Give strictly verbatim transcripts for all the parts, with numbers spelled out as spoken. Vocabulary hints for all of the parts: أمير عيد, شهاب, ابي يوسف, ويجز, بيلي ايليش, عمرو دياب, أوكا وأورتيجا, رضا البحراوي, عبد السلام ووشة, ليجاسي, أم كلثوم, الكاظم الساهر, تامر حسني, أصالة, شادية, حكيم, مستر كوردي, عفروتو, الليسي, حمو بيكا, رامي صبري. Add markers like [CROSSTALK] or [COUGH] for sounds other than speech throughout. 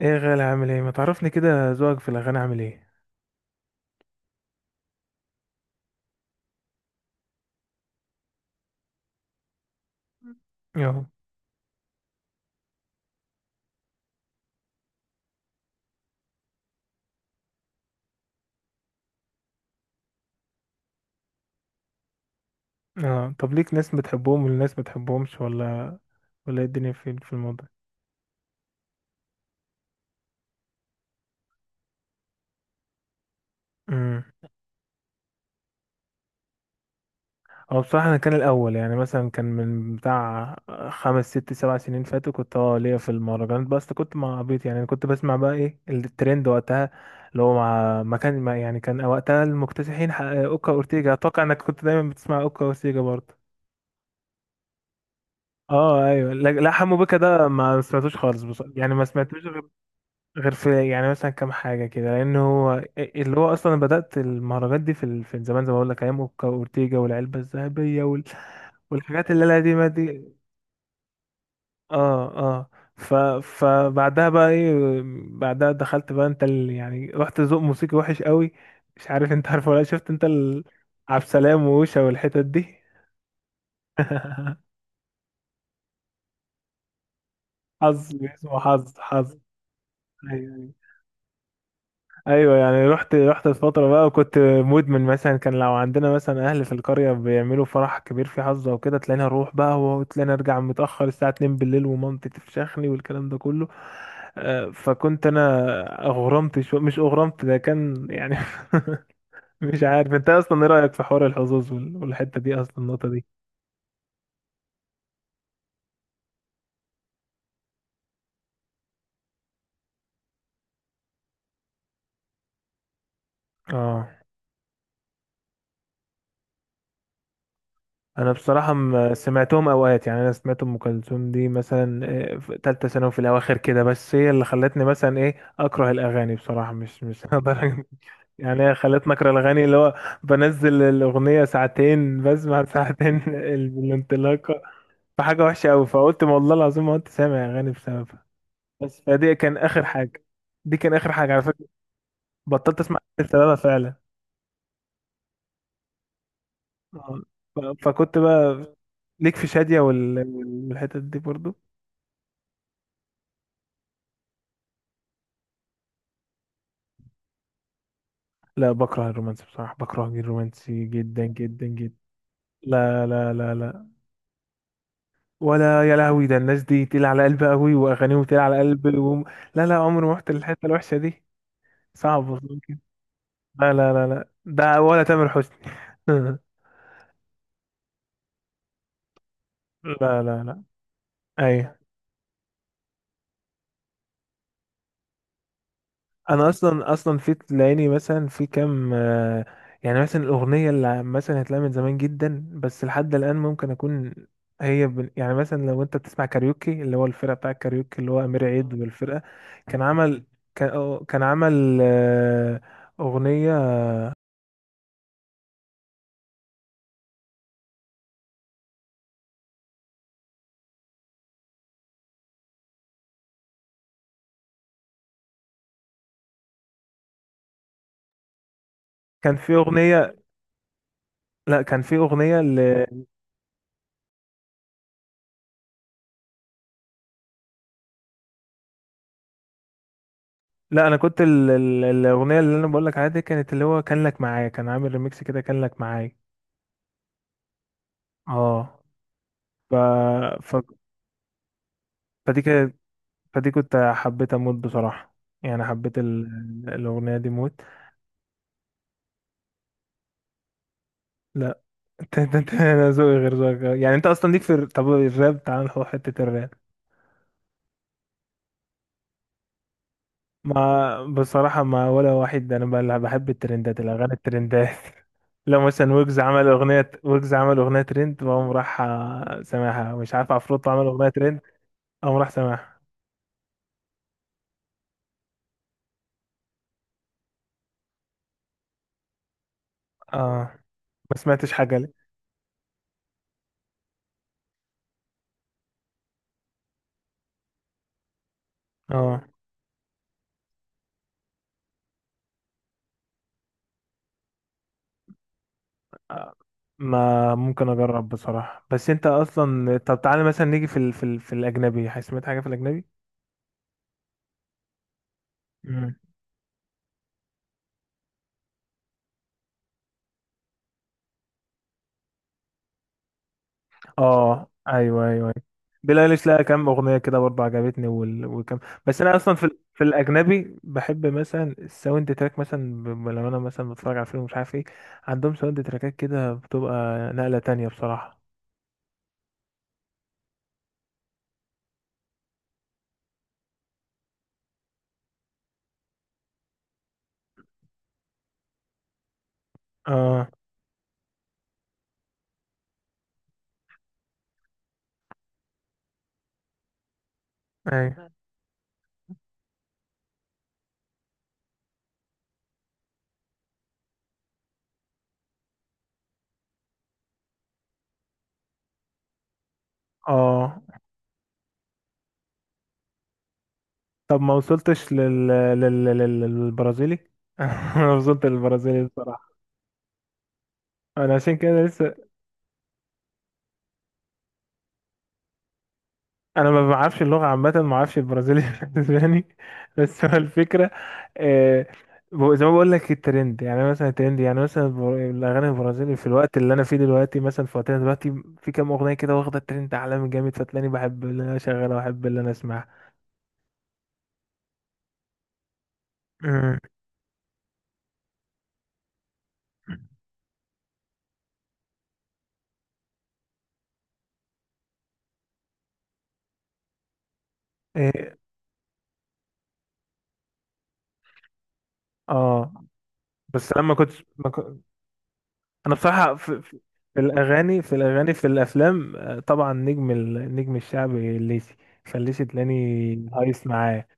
ايه يا غالي، عامل ايه؟ ما تعرفني كده، ذوقك في الاغاني عامل ايه؟ اه. اه. طب ليك ناس بتحبهم وناس ما بتحبهمش ولا؟ ولا ايه الدنيا في في الموضوع؟ امم هو بصراحه انا كان الاول، يعني مثلا كان من بتاع خمس ست سبع سنين فاتوا، كنت اه ليا في المهرجانات، بس كنت مع عبيط، يعني كنت بسمع بقى ايه الترند وقتها، اللي هو مع ما كان ما يعني كان وقتها المكتسحين، ح- اوكا اورتيجا. اتوقع انك كنت دايما بتسمع اوكا اورتيجا برضه. اه ايوه. لا لا، حمو بيكا ده ما سمعتوش خالص بصراحه، يعني ما سمعتوش غير في يعني مثلا كام حاجة كده، لأن هو اللي هو أصلا بدأت المهرجانات دي في ال- في زمان، زي ما بقول لك، أيام أوكا وأورتيجا والعلبة الذهبية وال... والحاجات اللي أنا دي ما دي. اه. اه. ف... فبعدها بقى ايه؟ بعدها دخلت بقى انت ال... يعني رحت ذوق موسيقي وحش قوي. مش عارف انت عارفه ولا لأ؟ شفت انت ال... عبد السلام ووشة والحتت دي. [LAUGHS] حظ. اسمه حظ حظ. أيوة. أيوه. ايوه، يعني رحت رحت الفتره بقى وكنت مدمن، مثلا كان لو عندنا مثلا اهل في القريه بيعملوا فرح كبير في حظه وكده، تلاقيني اروح بقى، وتلاقيني ارجع متاخر الساعه اتنين بالليل، ومامتي تفشخني والكلام ده كله. آه، فكنت انا اغرمت شو مش اغرمت، ده كان يعني [LAUGHS] مش عارف انت اصلا ايه رايك في حوار الحظوظ وال- والحته دي اصلا، النقطه دي؟ اه. انا بصراحه م- سمعتهم اوقات، يعني انا سمعت ام كلثوم دي مثلا آه، في ثالثه ثانوي في الاواخر كده، بس هي اللي خلتني مثلا ايه، اكره الاغاني بصراحه. مش مش [LAUGHS] هقدر- يعني هي خلتني اكره الاغاني، اللي هو بنزل الاغنيه ساعتين بسمع ساعتين [LAUGHS] ال- بالانطلاقه. فحاجه وحشه قوي، فقلت ما والله العظيم ما كنت سامع اغاني بسببها. بس فدي كان اخر حاجه، دي كان اخر حاجه على فكره. بطلت اسمع أغاني بسببها فعلا. آه. ف- فكنت بقى ليك في شاديه وال- والحتت دي برضو. لا، بكره الرومانسي بصراحة، بكره الرومانسي جدا جدا جدا. لا لا لا لا، ولا يا لهوي، ده الناس دي تقيلة على قلبي قوي وأغانيهم تقيلة على قلبي و... لا لا، عمري ما رحت للحتة الوحشة دي. صعب. ممكن. لا لا لا لا، ده ولا تامر حسني [LAUGHS] لا لا لا. أيوه. انا اصلا اصلا في تلاقيني مثلا في كام آه، يعني مثلا الاغنيه اللي مثلا هتلاقيها من زمان جدا، بس لحد الان ممكن اكون، هي بن- يعني مثلا لو انت بتسمع كاريوكي، اللي هو الفرقه بتاع الكاريوكي، اللي هو امير عيد والفرقه، كان عمل كان أو- كان عمل آه، اغنيه. كان في اغنيه. لا كان في اغنيه ل... لا، انا كنت ال... ال- الاغنيه اللي انا بقول لك عليها دي، كانت اللي هو كان لك معايا، كان عامل ريميكس كده، كان لك معايا. اه. ف... ف... فدي كانت، فدي كنت حبيت اموت بصراحة، يعني حبيت ال... الأغنية دي موت. لا [LAUGHS] انت انت انت انا ذوقي غير ذوقك، يعني انت اصلا ليك في ال- طب الراب، تعال نروح حتة الراب. ما بصراحة ما ولا واحد، انا بل- بحب الترندات، الأغاني الترندات [LAUGHS] لو مثلا ويجز عمل أغنية، ويجز عمل أغنية ترند، وأقوم راح آه، سامعها. مش عارف عفروتو عمل أغنية ترند، أقوم راح سامعها. اه. ما سمعتش حاجة ليه. اه، ما ممكن اجرب بصراحة، بس انت اصلا، طب تعالى مثلا نيجي في ال... في ال... في الاجنبي، سمعت حاجة في الاجنبي؟ مم. اه ايوه ايوه. بيلي ايليش لها كام اغنيه كده برضه عجبتني وال... وكم. بس انا اصلا في ال... في الاجنبي بحب مثلا الساوند تراك، مثلا ب... ب- لما انا مثلا بتفرج على فيلم مش عارف ايه، عندهم ساوند تراكات كده بتبقى نقله تانية بصراحه. اه. اي. اه. طب ما وصلتش لل... لل... لل... للبرازيلي [LAUGHS] ما وصلت للبرازيلي. انا عشان كده لسه، انا ما بعرفش اللغه عامه، ما بعرفش البرازيلي [LAUGHS] الاسباني. بس هو الفكره، آه، ب- زي ما بقول لك الترند، يعني مثلا الترند، يعني مثلا البر- الاغاني البرازيلي في الوقت اللي انا فيه دلوقتي، مثلا في وقتنا دلوقتي، في كام اغنيه كده واخده الترند عالمي جامد، فتلاقيني بحب اللي انا اشغلها واحب اللي انا اسمعها. أمم. إيه. اه. بس لما كنت، ما كنت. انا بصراحه في, في في الاغاني في الاغاني في الافلام، آه، طبعا نجم ال- النجم الشعبي الليسي، فالليسي تلاقيني هايص معاه.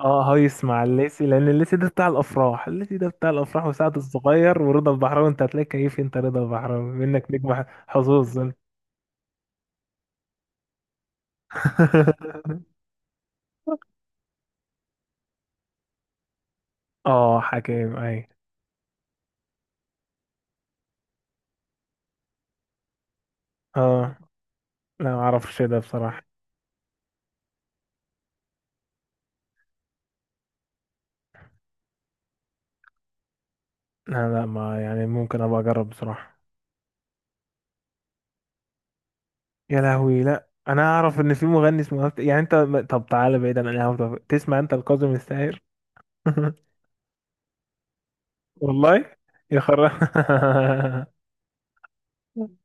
اه، هايس مع الليسي، لان الليسي ده بتاع الافراح، الليسي ده بتاع الافراح وسعد الصغير ورضا البحراوي. انت هتلاقي كيف، انت رضا البحراوي منك، نجم ح- حظوظ انت [LAUGHS] اه حكيم اي. اه، لا ما اعرفش ده بصراحة. لا لا، ما يعني ممكن ابقى اجرب بصراحة. يا لهوي، لا انا اعرف ان في مغني اسمه هفت- يعني انت م- طب تعالى بعيدا عن الهوا، طب تسمع انت الكاظم الساهر [LAUGHS] والله. يا خرا [LAUGHS]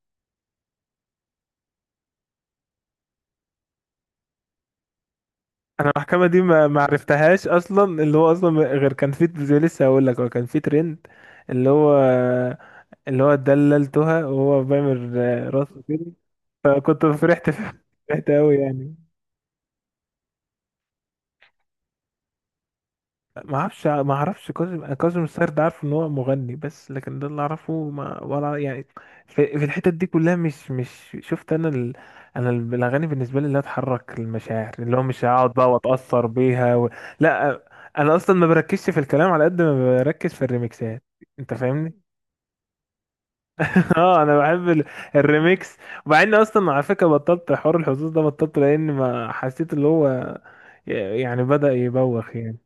انا المحكمه دي ما ما عرفتهاش اصلا، اللي هو اصلا غير كان في، زي لسه هقول لك، هو كان في ترند، اللي هو، اللي هو دللتها وهو بيعمل راسه كده، فكنت فرحت [LAUGHS] فرحت قوي يعني. ما اعرفش ما اعرفش، كاظم كاظم الساهر ده عارف ان هو مغني بس، لكن ده اللي اعرفه، ما ولا يعني في, في الحتت دي كلها مش. مش شفت انا ال... انا ال- الاغاني بالنسبه لي اللي تحرك المشاعر، اللي هو مش هقعد بقى واتاثر بيها و... لا، انا اصلا ما بركزش في الكلام على قد ما بركز في الريمكسات، انت فاهمني؟ [LAUGHS] اه، انا بحب ال... الريمكس. ومع اني اصلا على فكره بطلت حوار الحظوظ ده، بطلت لان ما حسيت اللي هو، يعني بدأ يبوخ يعني.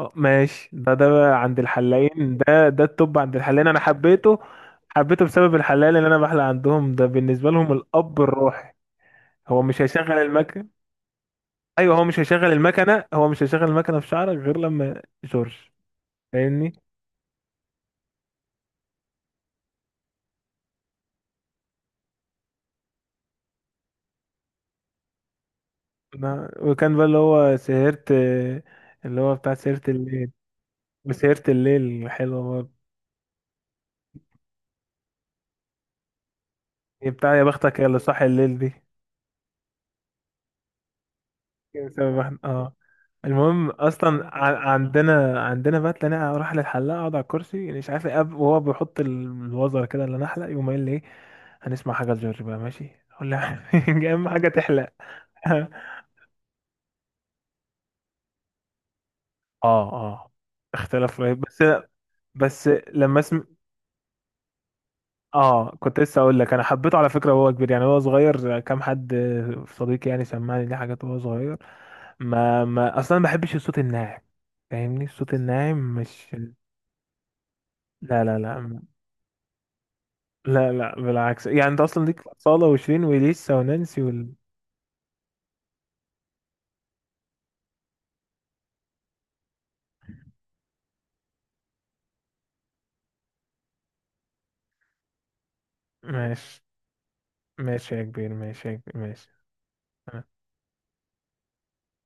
اه ماشي. ده ده بقى عند الحلاقين، ده ده التوب عند الحلاقين. انا حبيته، حبيته بسبب الحلال اللي انا بحلق عندهم، ده بالنسبه لهم الاب الروحي. هو مش هيشغل المكنه. ايوه، هو مش هيشغل المكنه، هو مش هيشغل المكنه في شعرك غير لما جورج، فاهمني؟ ما- وكان بقى اللي هو سهرة، اللي هو بتاع سهرة الليل. وسهرة الليل حلوة برضه. هي بتاع يا بختك يا اللي صاحي الليل دي. بسبب واحد اه. المهم اصلا، ع- عندنا عندنا بقى تلاقيني اروح للحلاق، اقعد على الكرسي يعني، مش عارف ايه، أب- وهو بيحط ال- الوزر كده اللي نحلق، يقوم قايل لي ايه، هنسمع حاجه لجورج بقى؟ ماشي، اقول له [LAUGHS] اهم حاجه تحلق [LAUGHS] اه. اه. اختلاف رهيب بس. بس لما اسم، اه كنت لسه اقول لك، انا حبيته على فكره وهو كبير، يعني هو صغير كام حد صديقي يعني سمعني ليه حاجات وهو صغير، ما ما اصلا ما بحبش الصوت الناعم، فاهمني؟ الصوت الناعم مش، لا لا لا، م- لا لا، بالعكس، يعني انت اصلا ليك في اصالة وشيرين وليسا ونانسي وال... ماشي. ماشي يا كبير، ماشي يا كبير، ماشي.